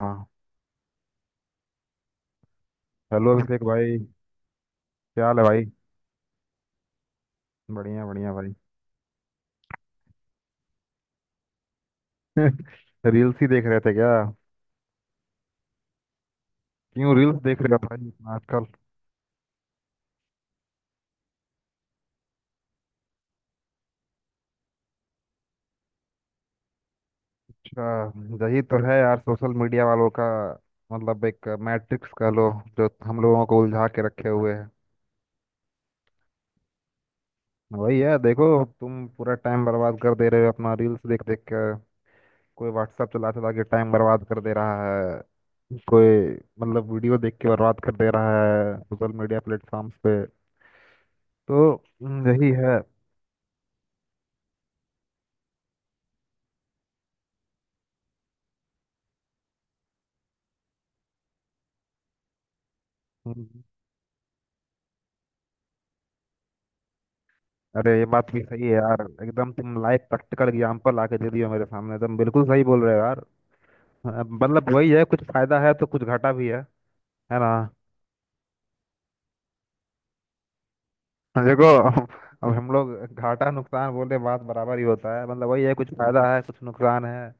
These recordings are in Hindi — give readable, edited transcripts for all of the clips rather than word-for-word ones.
हाँ। हेलो अभिषेक भाई, क्या हाल है भाई? बढ़िया बढ़िया भाई। रील्स ही देख रहे थे क्या? क्यों रील्स देख रहे हो भाई इतना आजकल? अच्छा, यही तो है यार सोशल मीडिया वालों का। मतलब एक मैट्रिक्स कह लो जो हम लोगों को उलझा के रखे हुए है। वही है देखो। तुम पूरा टाइम बर्बाद कर दे रहे हो अपना रील्स देख देख कर। कोई व्हाट्सएप चला चला के टाइम बर्बाद कर दे रहा है, कोई मतलब वीडियो देख के बर्बाद कर दे रहा है सोशल मीडिया प्लेटफॉर्म्स पे। तो यही है। हम्म। अरे ये बात भी सही है यार, एकदम तुम लाइव प्रैक्टिकल एग्जाम्पल आके दे दियो मेरे सामने, एकदम बिल्कुल सही बोल रहे हो यार। मतलब वही है, कुछ फायदा है तो कुछ घाटा भी है। है ना? देखो, अब हम लोग घाटा नुकसान बोले बात बराबर ही होता है। मतलब वही है, कुछ फायदा है कुछ नुकसान है।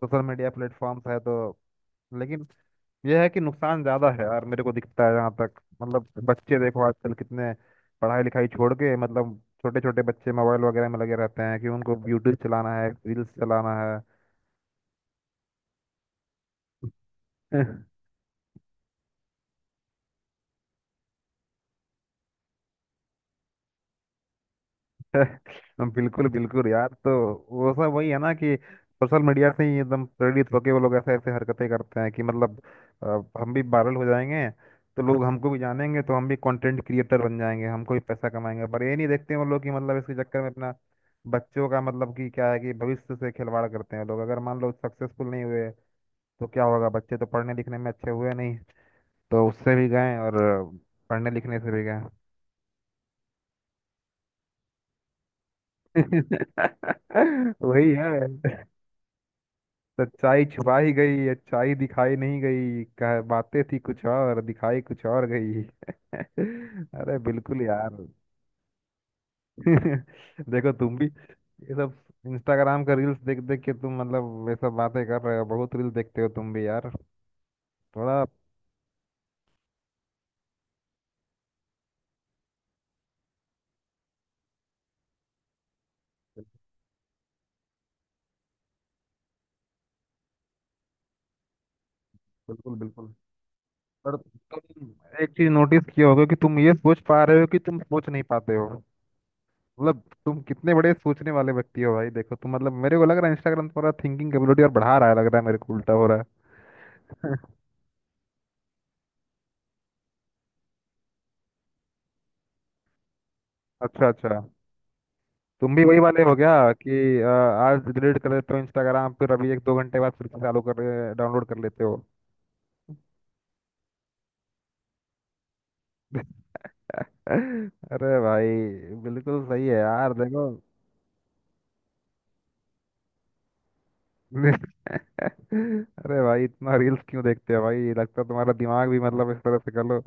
सोशल मीडिया प्लेटफॉर्म्स है तो। लेकिन यह है कि नुकसान ज्यादा है यार, मेरे को दिखता है जहाँ तक। मतलब बच्चे देखो आजकल कितने पढ़ाई लिखाई छोड़ के, मतलब छोटे छोटे बच्चे मोबाइल वगैरह में लगे रहते हैं कि उनको यूट्यूब चलाना है, रील्स चलाना है। हम बिल्कुल बिल्कुल यार। तो वो सब वही है ना कि सोशल मीडिया से ही एकदम प्रेरित होके वो लोग ऐसे ऐसे हरकतें करते हैं कि मतलब हम भी वायरल हो जाएंगे, तो लोग हमको भी जानेंगे, तो हम भी कंटेंट क्रिएटर बन जाएंगे, हमको भी पैसा कमाएंगे। पर ये नहीं देखते वो लोग कि मतलब इसके चक्कर में अपना बच्चों का मतलब कि क्या है कि भविष्य से खिलवाड़ करते हैं लोग। अगर मान लो सक्सेसफुल नहीं हुए तो क्या होगा? बच्चे तो पढ़ने लिखने में अच्छे हुए नहीं, तो उससे भी गए और पढ़ने लिखने से भी गए। वही है। सच्चाई छुपा ही गई, अच्छाई दिखाई नहीं गई, कह बातें थी कुछ और, दिखाई कुछ और गई। अरे बिल्कुल यार। देखो तुम भी ये सब इंस्टाग्राम का रील्स देख देख के तुम मतलब ये सब बातें कर रहे हो, बहुत रील्स देखते हो तुम भी यार थोड़ा। बिल्कुल बिल्कुल। पर तुम एक चीज नोटिस किए होगे कि तुम ये सोच पा रहे हो कि तुम सोच नहीं पाते हो। मतलब तुम कितने बड़े सोचने वाले व्यक्ति हो भाई, देखो तुम। मतलब मेरे को लग रहा है इंस्टाग्राम थोड़ा थिंकिंग कैपेबिलिटी और बढ़ा रहा है, लग रहा है मेरे को उल्टा हो रहा है। अच्छा अच्छा, तुम भी वही वाले हो गया कि आज डिलीट कर लेते हो इंस्टाग्राम, फिर अभी एक दो घंटे बाद फिर से चालू कर डाउनलोड कर लेते हो। अरे भाई, बिल्कुल सही है यार देखो। अरे भाई, इतना रील्स क्यों देखते हो भाई? लगता है तुम्हारा दिमाग भी मतलब इस तरह से कर लो,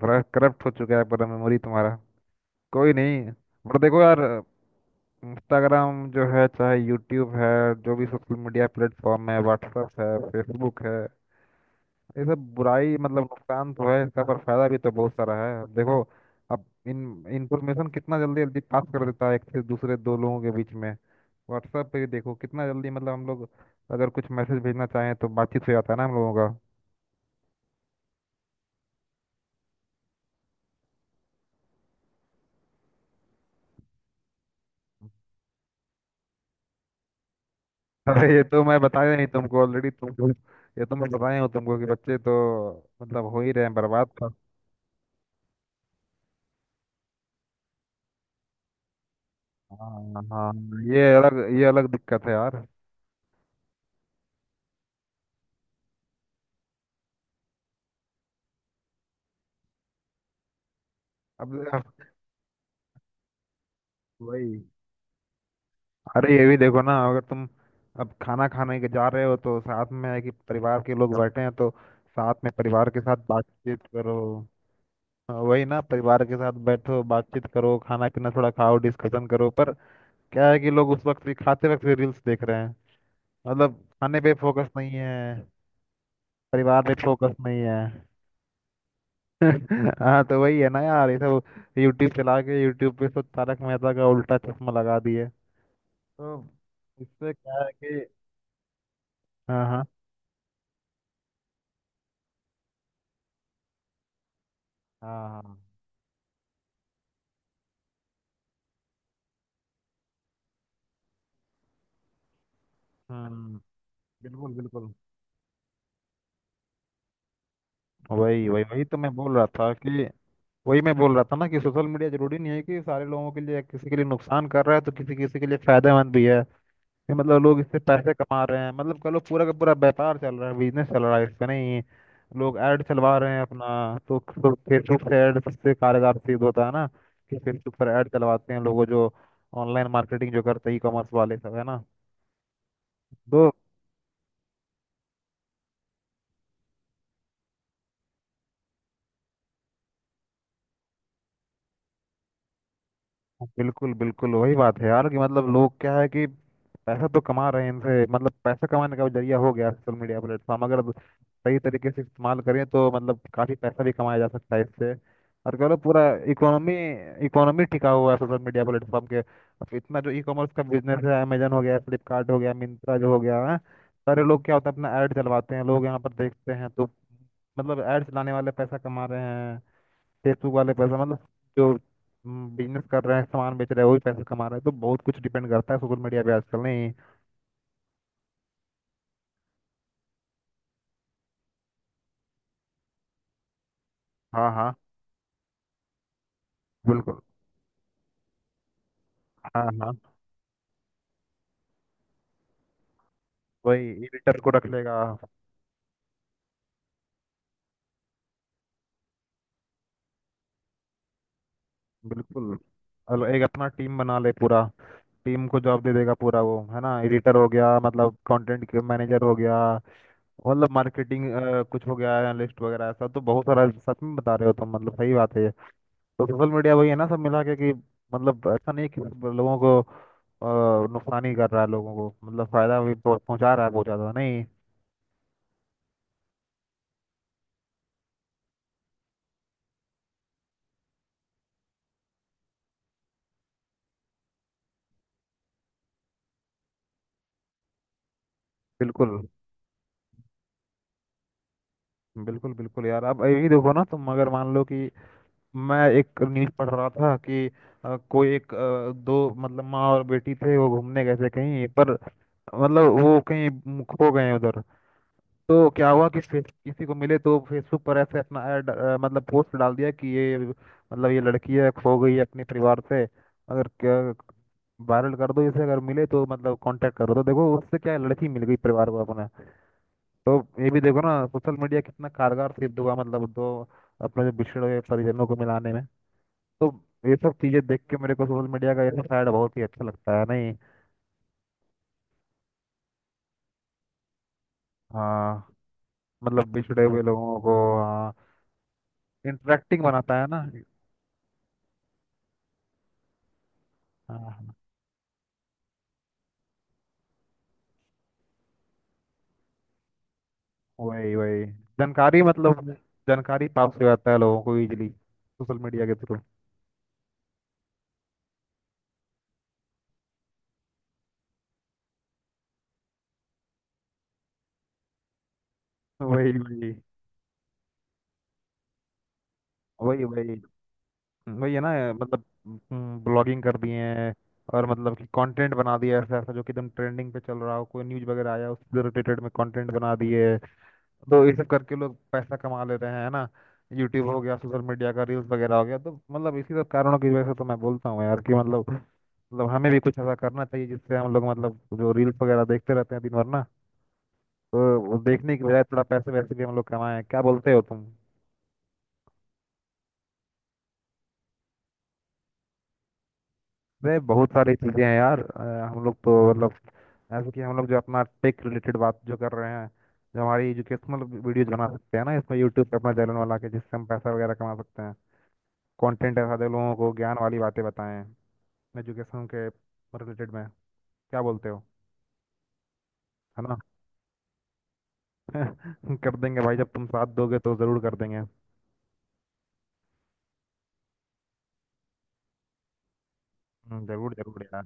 बड़ा करप्ट हो चुका है पूरा मेमोरी तुम्हारा। कोई नहीं। पर देखो यार, इंस्टाग्राम जो है, चाहे यूट्यूब है, जो भी सोशल मीडिया प्लेटफॉर्म है, व्हाट्सएप है, फेसबुक है, ये सब बुराई मतलब नुकसान तो है इसका, पर फायदा भी तो बहुत सारा है। अब देखो, अब इन इंफॉर्मेशन कितना जल्दी जल्दी पास कर देता है एक से दूसरे, दो लोगों के बीच में। व्हाट्सएप पे भी देखो कितना जल्दी, मतलब हम लोग अगर कुछ मैसेज भेजना चाहें तो बातचीत हो जाता है ना हम लोगों का। अरे ये तो मैं बताया नहीं तुमको ऑलरेडी तुमको, ये तो मैं बताया हूँ तुमको कि बच्चे तो मतलब हो ही रहे हैं बर्बाद। हाँ हाँ, ये अलग दिक्कत है यार। अब वही, अरे ये भी देखो ना, अगर तुम अब खाना खाने के जा रहे हो तो साथ में है कि परिवार के लोग बैठे हैं, तो साथ में परिवार के साथ बातचीत करो। हाँ, वही ना, परिवार के साथ बैठो, बातचीत करो, खाना पीना थोड़ा खाओ, डिस्कशन करो। पर क्या है कि लोग उस वक्त भी, खाते वक्त भी रील्स देख रहे हैं। मतलब खाने पे फोकस नहीं है, परिवार पे फोकस नहीं है। हाँ, तो वही है ना यार, ये सब यूट्यूब चला के यूट्यूब पे सब तारक मेहता का उल्टा चश्मा लगा दिए। तो इससे क्या है कि हाँ हाँ, हाँ हाँ। हम्म, बिल्कुल बिल्कुल। वही वही वही तो मैं बोल रहा था कि, वही मैं बोल रहा था ना कि सोशल मीडिया जरूरी नहीं है कि सारे लोगों के लिए, किसी के लिए नुकसान कर रहा है तो किसी किसी के लिए फायदेमंद भी है। ये मतलब लोग इससे पैसे कमा रहे हैं, मतलब कह लो पूरा का पूरा व्यापार चल रहा है, बिजनेस चल रहा है इससे नहीं। लोग ऐड चलवा रहे हैं अपना। तो फेसबुक से ऐड सबसे कारगर सिद्ध होता है ना, कि फेसबुक पर ऐड चलवाते हैं लोगों जो ऑनलाइन मार्केटिंग जो करते हैं, ई कॉमर्स वाले सब, है ना? तो बिल्कुल बिल्कुल वही बात है यार कि मतलब लोग क्या है कि पैसा तो कमा रहे हैं इनसे। मतलब पैसा कमाने का जरिया हो गया सोशल मीडिया प्लेटफॉर्म, अगर सही तरीके से इस्तेमाल करें तो मतलब काफी पैसा भी कमाया जा सकता है इससे। और कह लो पूरा इकोनॉमी, इकोनॉमी टिका हुआ है सोशल मीडिया प्लेटफॉर्म के। अब इतना जो ई कॉमर्स का बिजनेस है, अमेजन हो गया, फ्लिपकार्ट हो गया, मिंत्रा जो हो गया है, सारे लोग क्या होता है अपना ऐड चलवाते हैं, लोग यहाँ पर देखते हैं। तो मतलब ऐड चलाने वाले पैसा कमा रहे हैं, फेसबुक वाले पैसा, मतलब जो बिजनेस कर रहे हैं, सामान बेच रहे हैं, वही पैसा कमा रहे हैं। तो बहुत कुछ डिपेंड करता है सोशल मीडिया पे आजकल नहीं। हाँ हाँ, बिल्कुल। हाँ हाँ, वही एडिटर को रख लेगा। बिल्कुल, और एक अपना टीम बना ले पूरा, टीम को जॉब दे देगा पूरा, वो है ना, एडिटर हो गया, मतलब कंटेंट मैनेजर हो गया, मतलब मार्केटिंग कुछ हो गया, एनालिस्ट वगैरह। ऐसा तो बहुत सारा सच में बता रहे हो तुम, मतलब सही बात है ये। तो सोशल मीडिया वही है ना सब मिला के कि मतलब ऐसा नहीं है कि मतलब लोगों को नुकसान ही कर रहा है, लोगों को मतलब फायदा भी पहुंचा रहा है बहुत ज्यादा नहीं। बिल्कुल बिल्कुल बिल्कुल यार। अब यही देखो ना, तुम अगर मान लो कि मैं एक न्यूज पढ़ रहा था कि कोई एक दो, मतलब माँ और बेटी थे, वो घूमने गए थे कहीं पर, मतलब वो कहीं खो गए उधर। तो क्या हुआ कि फेस किसी को मिले, तो फेसबुक पर ऐसे अपना ऐड मतलब पोस्ट डाल दिया कि ये मतलब ये लड़की है, खो गई है अपने परिवार से, अगर वायरल कर दो इसे, अगर मिले तो मतलब कांटेक्ट करो। तो देखो उससे क्या है, लड़की मिल गई परिवार को अपना। तो ये भी देखो ना, सोशल मीडिया कितना कारगर सिद्ध हुआ मतलब दो अपने जो बिछड़े हुए परिजनों को मिलाने में। तो ये सब चीजें देख के मेरे को सोशल मीडिया का ये सब साइड बहुत ही अच्छा लगता है नहीं। हाँ, मतलब बिछड़े हुए लोगों को। हाँ, इंटरेक्टिंग बनाता है ना। हाँ, वही वही, जानकारी, मतलब जानकारी प्राप्त हो जाता है लोगों को इजीली सोशल मीडिया के थ्रू। वही वही, वही वही। वही है ना मतलब, ब्लॉगिंग कर दिए हैं और मतलब कि कंटेंट बना दिया ऐसा ऐसा जो कि एकदम ट्रेंडिंग पे चल रहा हो, कोई न्यूज़ वगैरह आया उससे रिलेटेड में कंटेंट बना दिए, तो ये सब करके लोग पैसा कमा ले रहे हैं, है ना? यूट्यूब हो गया, सोशल मीडिया का रील्स वगैरह हो गया। तो मतलब इसी सब कारणों की वजह से तो मैं बोलता हूँ यार कि मतलब, मतलब हमें भी कुछ ऐसा करना चाहिए जिससे हम लोग मतलब जो रील्स वगैरह देखते रहते हैं दिन भर ना, तो वो देखने के बजाय थोड़ा पैसे वैसे भी हम लोग कमाएं। क्या बोलते हो तुम? अरे बहुत सारी चीजें हैं यार, हम लोग तो मतलब ऐसे कि हम लोग जो अपना टेक रिलेटेड बात जो कर रहे हैं, जो हमारी एजुकेशनल वीडियोज बना सकते हैं ना इसमें, यूट्यूब पे अपना चैनल बना के, जिससे हम पैसा वगैरह कमा सकते हैं। कंटेंट ऐसा दे लोगों को, ज्ञान वाली बातें बताएं, एजुकेशन के रिलेटेड में। क्या बोलते हो, है ना? कर देंगे भाई, जब तुम साथ दोगे तो जरूर कर देंगे। जरूर जरूर यार।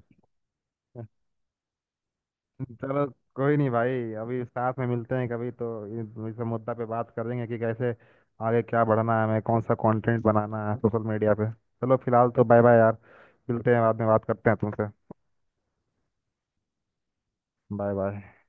चलो, कोई नहीं भाई, अभी साथ में मिलते हैं कभी, तो इस इस मुद्दा पे बात करेंगे कि कैसे आगे क्या बढ़ना है हमें, कौन सा कंटेंट बनाना है सोशल मीडिया पे। चलो फिलहाल तो बाय बाय यार, मिलते हैं बाद में, बात करते हैं तुमसे। Bye bye.